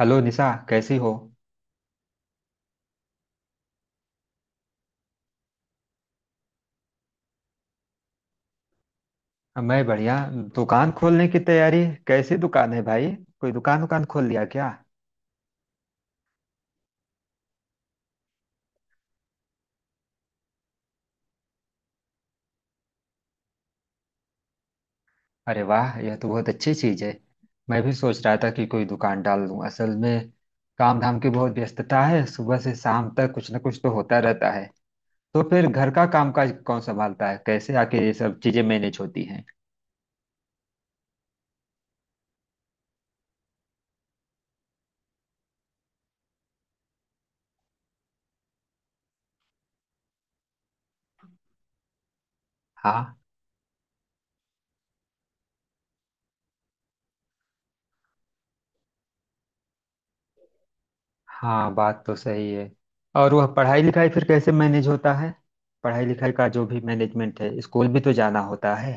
Hello Nisha, कैसी हो। मैं बढ़िया। दुकान खोलने की तैयारी। कैसी दुकान है भाई। कोई दुकान दुकान खोल लिया क्या। अरे वाह, यह तो बहुत अच्छी चीज है। मैं भी सोच रहा था कि कोई दुकान डाल लूं असल में। काम धाम की बहुत व्यस्तता है, सुबह से शाम तक कुछ ना कुछ तो होता रहता है। तो फिर घर का कामकाज कौन संभालता है, कैसे आके ये सब चीजें मैनेज होती हैं। हाँ। हाँ, बात तो सही है। और वह पढ़ाई लिखाई फिर कैसे मैनेज होता है। पढ़ाई लिखाई का जो भी मैनेजमेंट है, स्कूल भी तो जाना होता है।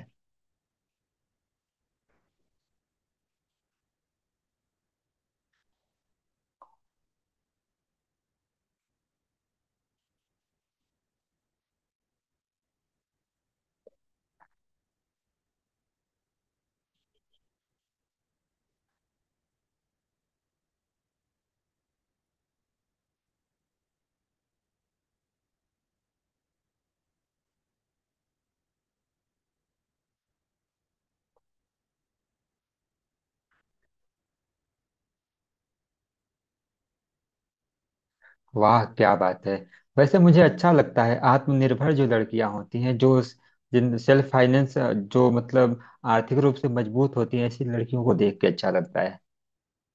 वाह क्या बात है। वैसे मुझे अच्छा लगता है आत्मनिर्भर जो लड़कियां होती हैं, जो जिन सेल्फ फाइनेंस जो मतलब आर्थिक रूप से मजबूत होती हैं, ऐसी लड़कियों को देख के अच्छा लगता है।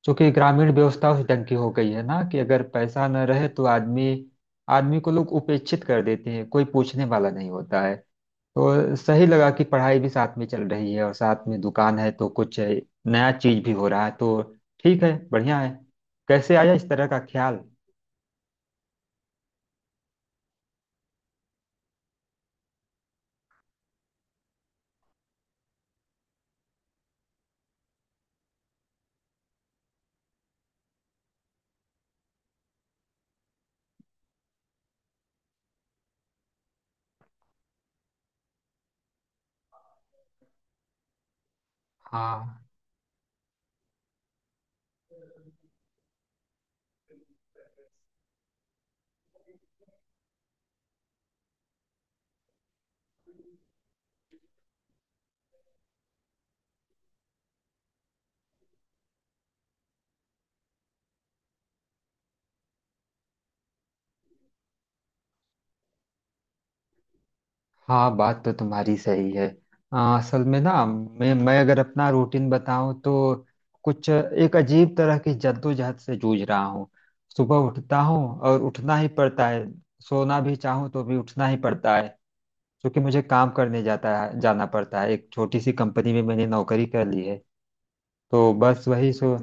क्योंकि ग्रामीण व्यवस्था उस ढंग की हो गई है ना कि अगर पैसा न रहे तो आदमी आदमी को लोग उपेक्षित कर देते हैं, कोई पूछने वाला नहीं होता है। तो सही लगा कि पढ़ाई भी साथ में चल रही है और साथ में दुकान है, तो कुछ है, नया चीज भी हो रहा है, तो ठीक है, बढ़िया है। कैसे आया इस तरह का ख्याल। हाँ। हाँ, बात तो तुम्हारी सही है। असल में ना मैं अगर अपना रूटीन बताऊं तो कुछ एक अजीब तरह की जद्दोजहद से जूझ रहा हूँ। सुबह उठता हूँ और उठना ही पड़ता है। सोना भी चाहूँ तो भी उठना ही पड़ता है। क्योंकि मुझे काम करने जाता है, जाना पड़ता है। एक छोटी सी कंपनी में मैंने नौकरी कर ली है। तो बस वही सो।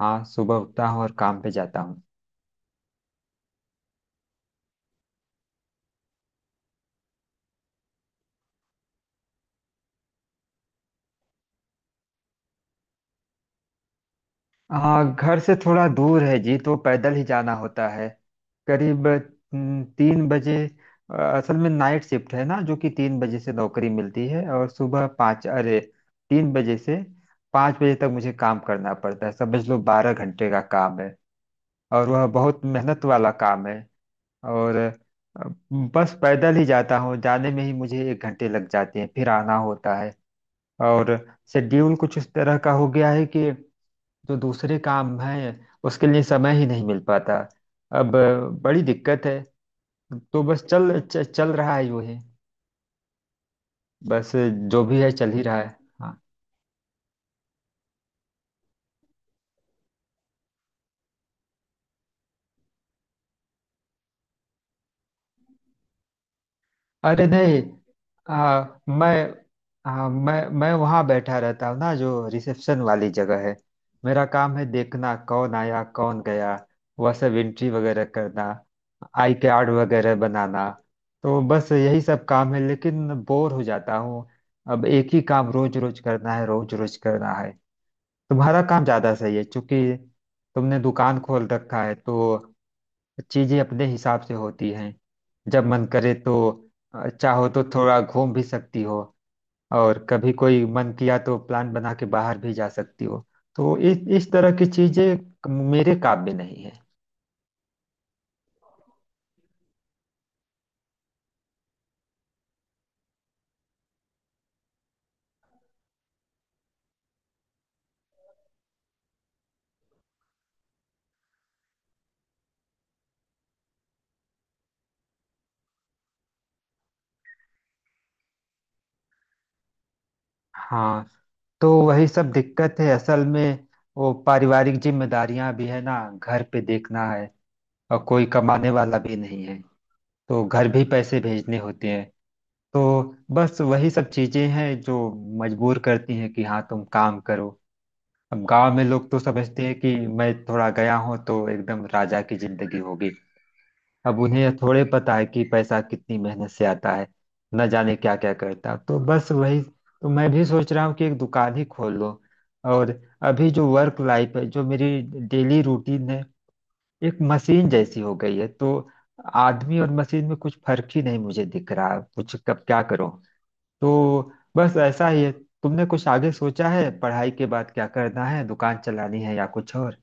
हाँ, सुबह उठता हूँ और काम पे जाता हूँ। हाँ घर से थोड़ा दूर है जी, तो पैदल ही जाना होता है। करीब 3 बजे। असल में नाइट शिफ्ट है ना, जो कि 3 बजे से नौकरी मिलती है और सुबह 5, अरे, 3 बजे से 5 बजे तक मुझे काम करना पड़ता है। समझ लो 12 घंटे का काम है। और वह बहुत मेहनत वाला काम है। और बस पैदल ही जाता हूँ, जाने में ही मुझे 1 घंटे लग जाते हैं, फिर आना होता है। और शेड्यूल कुछ इस तरह का हो गया है कि जो दूसरे काम है उसके लिए समय ही नहीं मिल पाता। अब बड़ी दिक्कत है। तो बस चल रहा है यूं ही। बस जो भी है चल ही रहा है। हाँ। अरे नहीं, आ, मैं आ, मैं वहाँ बैठा रहता हूँ ना, जो रिसेप्शन वाली जगह है। मेरा काम है देखना कौन आया, कौन गया। वह सब एंट्री वगैरह करना, आई कार्ड वगैरह बनाना। तो बस यही सब काम है, लेकिन बोर हो जाता हूँ। अब एक ही काम रोज रोज करना है, रोज रोज करना है। तुम्हारा काम ज़्यादा सही है, क्योंकि तुमने दुकान खोल रखा है तो चीजें अपने हिसाब से होती हैं। जब मन करे तो चाहो तो थोड़ा घूम भी सकती हो। और कभी कोई मन किया तो प्लान बना के बाहर भी जा सकती हो। तो इस तरह की चीजें मेरे काबिल नहीं है। हाँ। तो वही सब दिक्कत है असल में। वो पारिवारिक जिम्मेदारियां भी है ना, घर पे देखना है। और कोई कमाने वाला भी नहीं है, तो घर भी पैसे भेजने होते हैं। तो बस वही सब चीजें हैं जो मजबूर करती हैं कि हाँ तुम काम करो। अब गांव में लोग तो समझते हैं कि मैं थोड़ा गया हूँ तो एकदम राजा की जिंदगी होगी। अब उन्हें यह थोड़े पता है कि पैसा कितनी मेहनत से आता है। न जाने क्या क्या करता, तो बस वही तो मैं भी सोच रहा हूँ कि एक दुकान ही खोल लो। और अभी जो वर्क लाइफ है, जो मेरी डेली रूटीन है, एक मशीन जैसी हो गई है। तो आदमी और मशीन में कुछ फर्क ही नहीं मुझे दिख रहा, कुछ कब क्या करो। तो बस ऐसा ही है। तुमने कुछ आगे सोचा है पढ़ाई के बाद क्या करना है, दुकान चलानी है या कुछ और।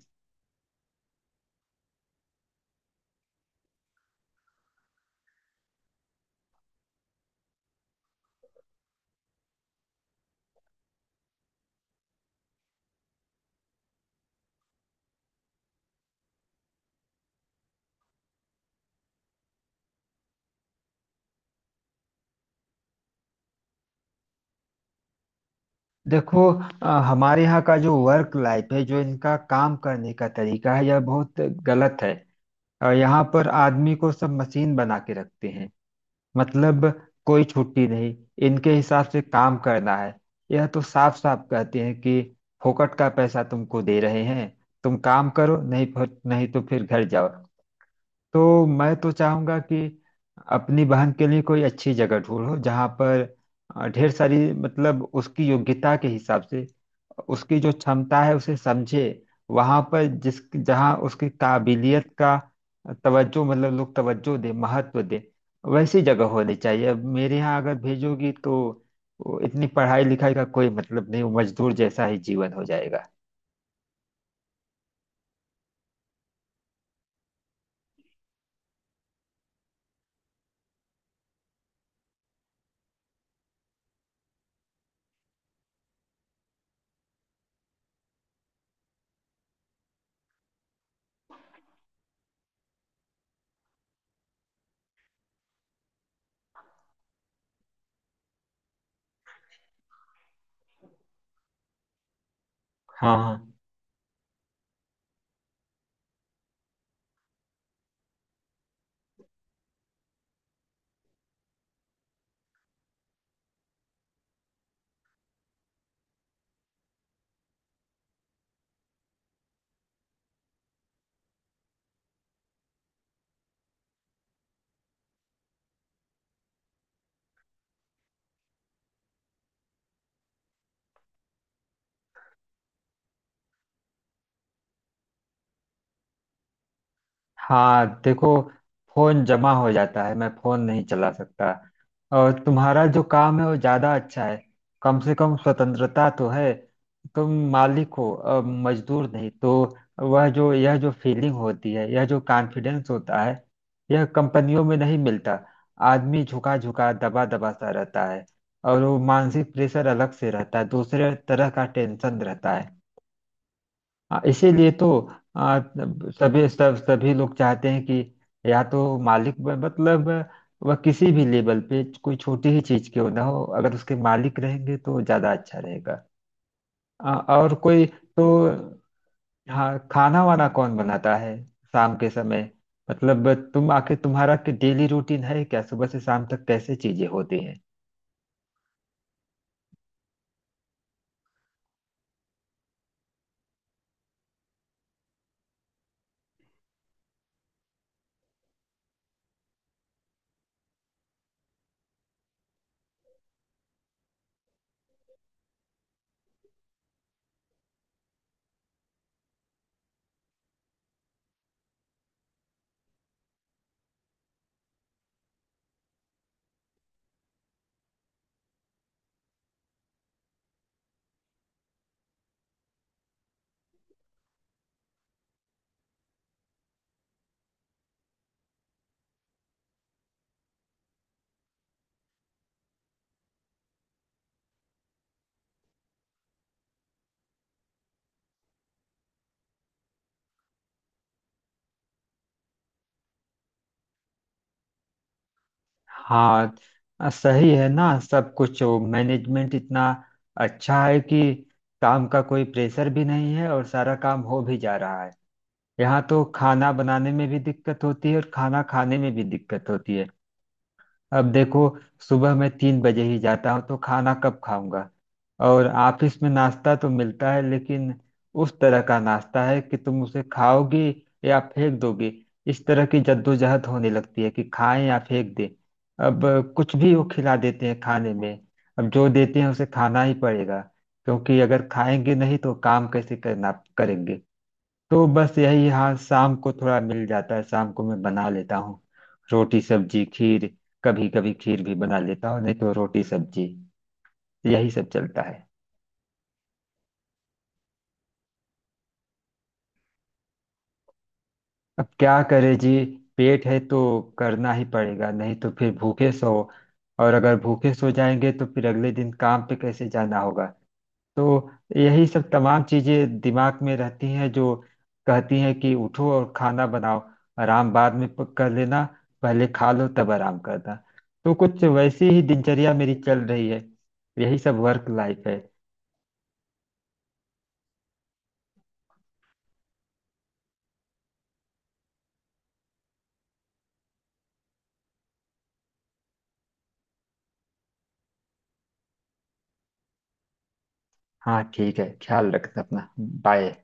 देखो, हमारे यहाँ का जो वर्क लाइफ है, जो इनका काम करने का तरीका है, यह बहुत गलत है। और यहाँ पर आदमी को सब मशीन बना के रखते हैं। मतलब कोई छुट्टी नहीं, इनके हिसाब से काम करना है। यह तो साफ साफ कहते हैं कि फोकट का पैसा तुमको दे रहे हैं, तुम काम करो नहीं, फिर नहीं तो फिर घर जाओ। तो मैं तो चाहूंगा कि अपनी बहन के लिए कोई अच्छी जगह ढूंढो जहाँ पर ढेर सारी मतलब उसकी योग्यता के हिसाब से, उसकी जो क्षमता है उसे समझे, वहाँ पर जिस जहाँ उसकी काबिलियत का तवज्जो, मतलब लोग तवज्जो दे, महत्व दे, वैसी जगह होनी चाहिए। अब मेरे यहाँ अगर भेजोगी तो वो इतनी पढ़ाई लिखाई का कोई मतलब नहीं, वो मजदूर जैसा ही जीवन हो जाएगा। हाँ। हाँ। हाँ, देखो, फोन जमा हो जाता है, मैं फोन नहीं चला सकता। और तुम्हारा जो काम है वो ज्यादा अच्छा है, कम से कम स्वतंत्रता तो है। तुम मालिक हो, अब मजदूर नहीं। तो वह जो यह जो फीलिंग होती है, यह जो कॉन्फिडेंस होता है, यह कंपनियों में नहीं मिलता। आदमी झुका झुका दबा दबा सा रहता है। और वो मानसिक प्रेशर अलग से रहता है, दूसरे तरह का टेंशन रहता है। इसीलिए तो आ, सभी लोग चाहते हैं कि या तो मालिक मतलब वह किसी भी लेवल पे कोई छोटी ही चीज क्यों ना हो, अगर उसके मालिक रहेंगे तो ज्यादा अच्छा रहेगा। और कोई तो हाँ, खाना वाना कौन बनाता है शाम के समय। मतलब तुम आखिर तुम्हारा डेली रूटीन है क्या, सुबह से शाम तक कैसे चीजें होती हैं। हाँ, सही है ना सब कुछ। मैनेजमेंट इतना अच्छा है कि काम का कोई प्रेशर भी नहीं है, और सारा काम हो भी जा रहा है। यहाँ तो खाना बनाने में भी दिक्कत होती है और खाना खाने में भी दिक्कत होती है। अब देखो, सुबह मैं 3 बजे ही जाता हूँ, तो खाना कब खाऊंगा। और ऑफिस में नाश्ता तो मिलता है लेकिन उस तरह का नाश्ता है कि तुम उसे खाओगी या फेंक दोगे। इस तरह की जद्दोजहद होने लगती है कि खाएं या फेंक दें। अब कुछ भी वो खिला देते हैं खाने में। अब जो देते हैं उसे खाना ही पड़ेगा, क्योंकि अगर खाएंगे नहीं तो काम कैसे करना करेंगे। तो बस यही। हाँ शाम को थोड़ा मिल जाता है, शाम को मैं बना लेता हूँ रोटी सब्जी खीर। कभी कभी खीर भी बना लेता हूँ, नहीं तो रोटी सब्जी, यही सब चलता है। अब क्या करे जी। पेट है तो करना ही पड़ेगा, नहीं तो फिर भूखे सो। और अगर भूखे सो जाएंगे तो फिर अगले दिन काम पे कैसे जाना होगा। तो यही सब तमाम चीजें दिमाग में रहती हैं, जो कहती हैं कि उठो और खाना बनाओ, आराम बाद में कर लेना, पहले खा लो तब आराम करना। तो कुछ वैसी ही दिनचर्या मेरी चल रही है। यही सब वर्क लाइफ है। हाँ ठीक है, ख्याल रखना अपना, बाय।